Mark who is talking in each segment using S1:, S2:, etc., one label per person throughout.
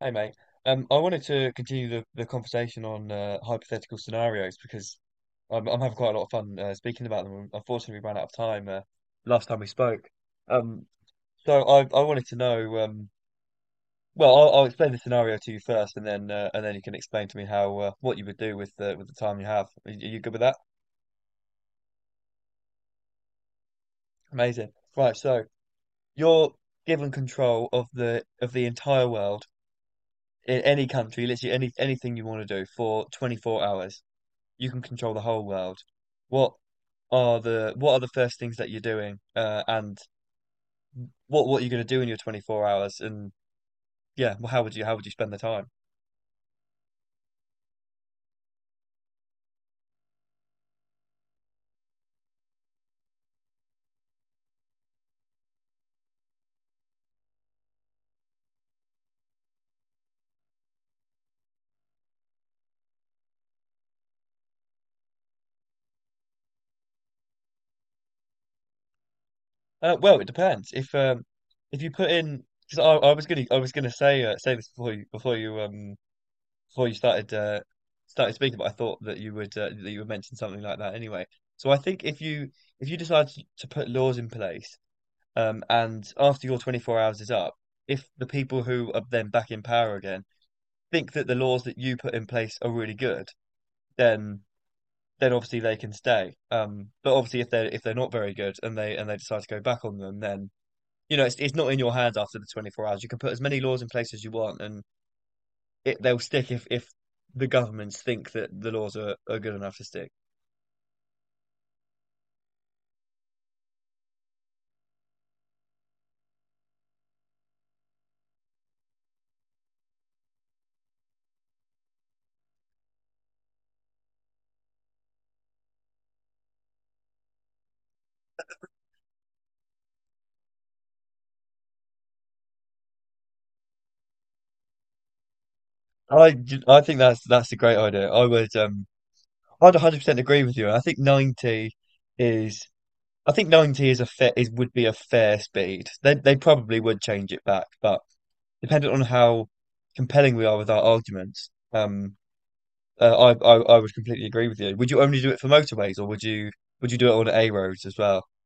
S1: Hey mate, I wanted to continue the conversation on hypothetical scenarios because I'm having quite a lot of fun speaking about them. Unfortunately, we ran out of time last time we spoke. Um, I wanted to know. I'll explain the scenario to you first, and then you can explain to me how what you would do with the time you have. Are you good with that? Amazing. Right. So you're given control of the entire world in any country, literally any anything you want to do for 24 hours. You can control the whole world. What what are the first things that you're doing? And what are you going to do in your 24 hours? And yeah, well, how would you spend the time? Well, it depends. If you put in because I was gonna I was gonna say say this before you before you started started speaking, but I thought that you would mention something like that anyway. So I think if you decide to put laws in place, and after your 24 hours is up, if the people who are then back in power again think that the laws that you put in place are really good, then then obviously they can stay. But obviously if they're not very good and they decide to go back on them, then you know it's not in your hands after the 24 hours. You can put as many laws in place as you want, and it they'll stick if the governments think that the laws are good enough to stick. I, I think that's a great idea. I would I'd 100% agree with you. I think 90 is I think 90 is a fair is would be a fair speed. They probably would change it back, but dependent on how compelling we are with our arguments, uh, I would completely agree with you. Would you only do it for motorways, or would you do it on A roads as well?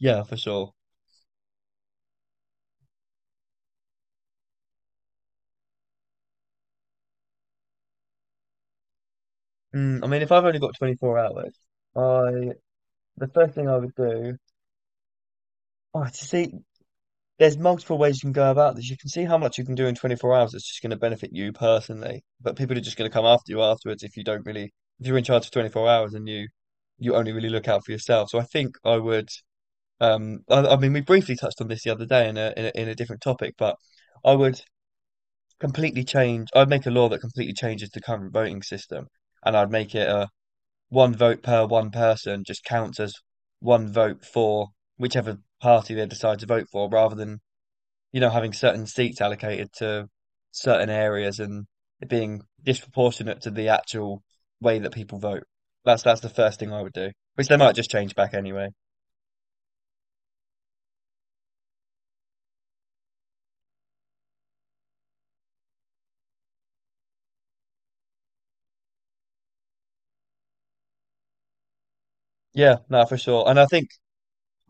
S1: Yeah, for sure. Mm, I mean, if I've only got 24 hours, I the first thing I would do. Oh, to see, there's multiple ways you can go about this. You can see how much you can do in 24 hours. It's just going to benefit you personally, but people are just going to come after you afterwards if you don't really, if you're in charge for 24 hours and you only really look out for yourself. So I think I would. I mean, we briefly touched on this the other day in a, in a in a different topic, but I would completely change. I'd make a law that completely changes the current voting system, and I'd make it a one vote per one person just counts as one vote for whichever party they decide to vote for, rather than you know having certain seats allocated to certain areas and it being disproportionate to the actual way that people vote. That's the first thing I would do, which they might just change back anyway. Yeah, no, for sure. And I think.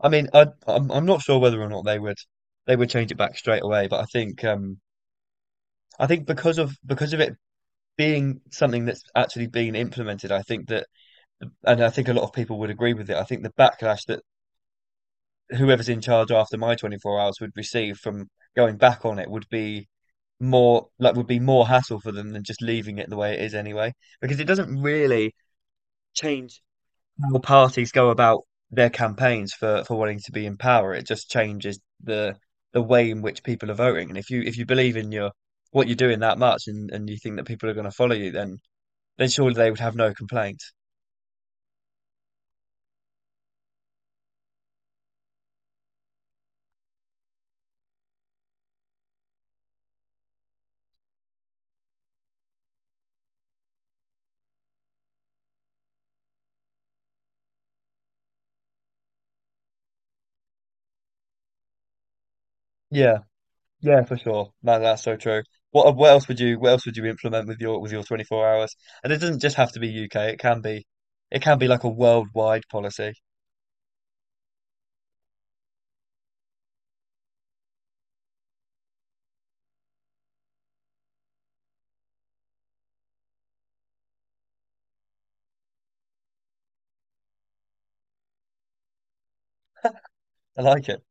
S1: I mean, I'm not sure whether or not they would they would change it back straight away, but I think because of it being something that's actually been implemented, I think that, and I think a lot of people would agree with it. I think the backlash that whoever's in charge after my 24 hours would receive from going back on it would be more like would be more hassle for them than just leaving it the way it is anyway, because it doesn't really change how parties go about their campaigns for wanting to be in power. It just changes the way in which people are voting. And if you believe in your what you're doing that much and you think that people are going to follow you, then surely they would have no complaints. Yeah, yeah, for sure. Man, that's so true. What else would you what else would you implement with your 24 hours? And it doesn't just have to be UK. It can be like a worldwide policy. I like it.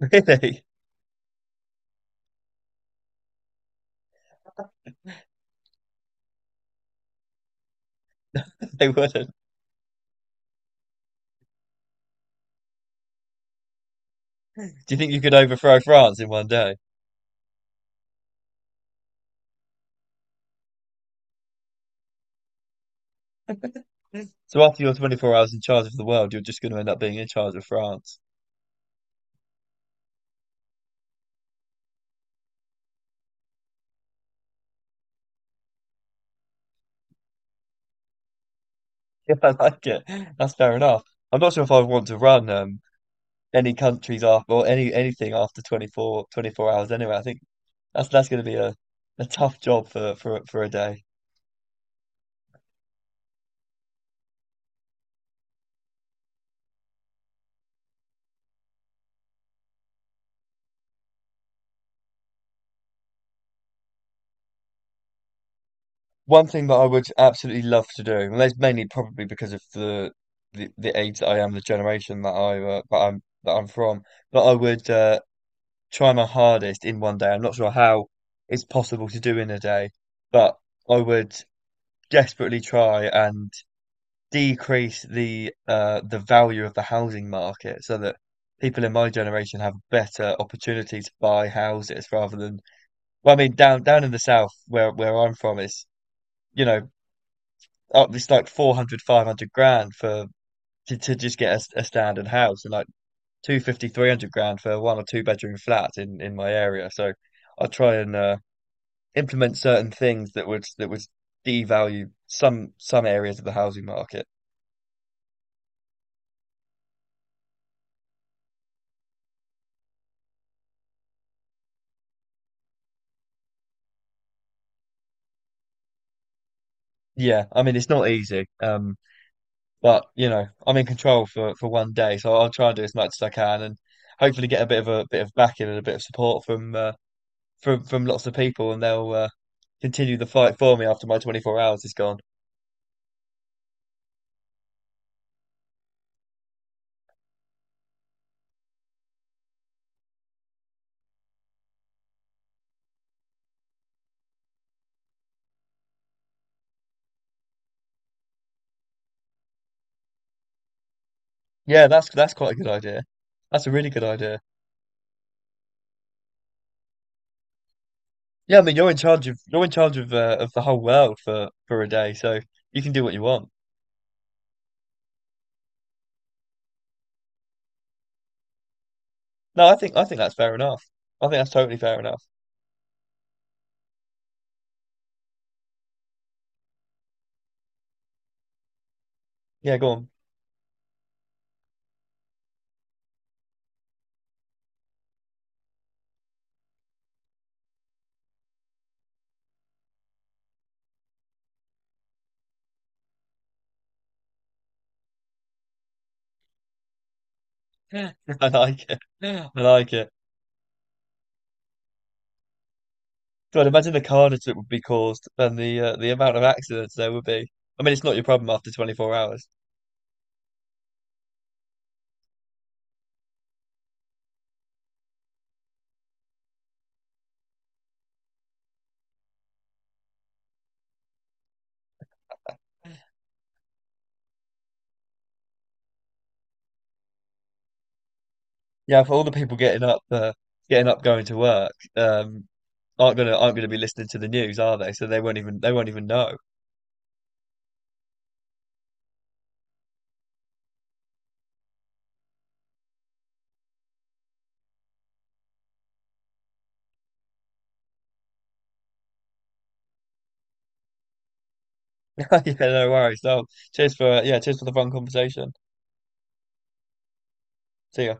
S1: Really? They wouldn't. Do you think you could overthrow France in 1 day? So after your 24 hours in charge of the world, you're just going to end up being in charge of France. Yeah, I like it. That's fair enough. I'm not sure if I would want to run any countries after or any anything after 24 hours anyway. I think that's going to be a tough job for a day. One thing that I would absolutely love to do, and that's mainly probably because of the age that I am, the generation that I that I'm from, but I would try my hardest in 1 day. I'm not sure how it's possible to do in a day, but I would desperately try and decrease the value of the housing market so that people in my generation have better opportunity to buy houses rather than well, I mean down in the south where I'm from is you know up it's like 400 500 grand for to just get a standard house and like two fifty three hundred grand for a one or two-bedroom flat in my area, so I'll try and implement certain things that would devalue some areas of the housing market. Yeah, I mean it's not easy, but you know I'm in control for 1 day, so I'll try and do as much as I can, and hopefully get a bit of backing and a bit of support from from lots of people, and they'll continue the fight for me after my 24 hours is gone. Yeah, that's quite a good idea. That's a really good idea. Yeah, I mean you're in charge of you're in charge of the whole world for a day, so you can do what you want. No, I think that's fair enough. I think that's totally fair enough. Yeah, go on. Yeah. I like it. I like it. God, imagine the carnage that would be caused and the amount of accidents there would be. I mean, it's not your problem after 24 hours. Yeah, for all the people getting up, going to work, aren't gonna be listening to the news, are they? So they won't even know. Yeah, no worries. So cheers for cheers for the fun conversation. See ya.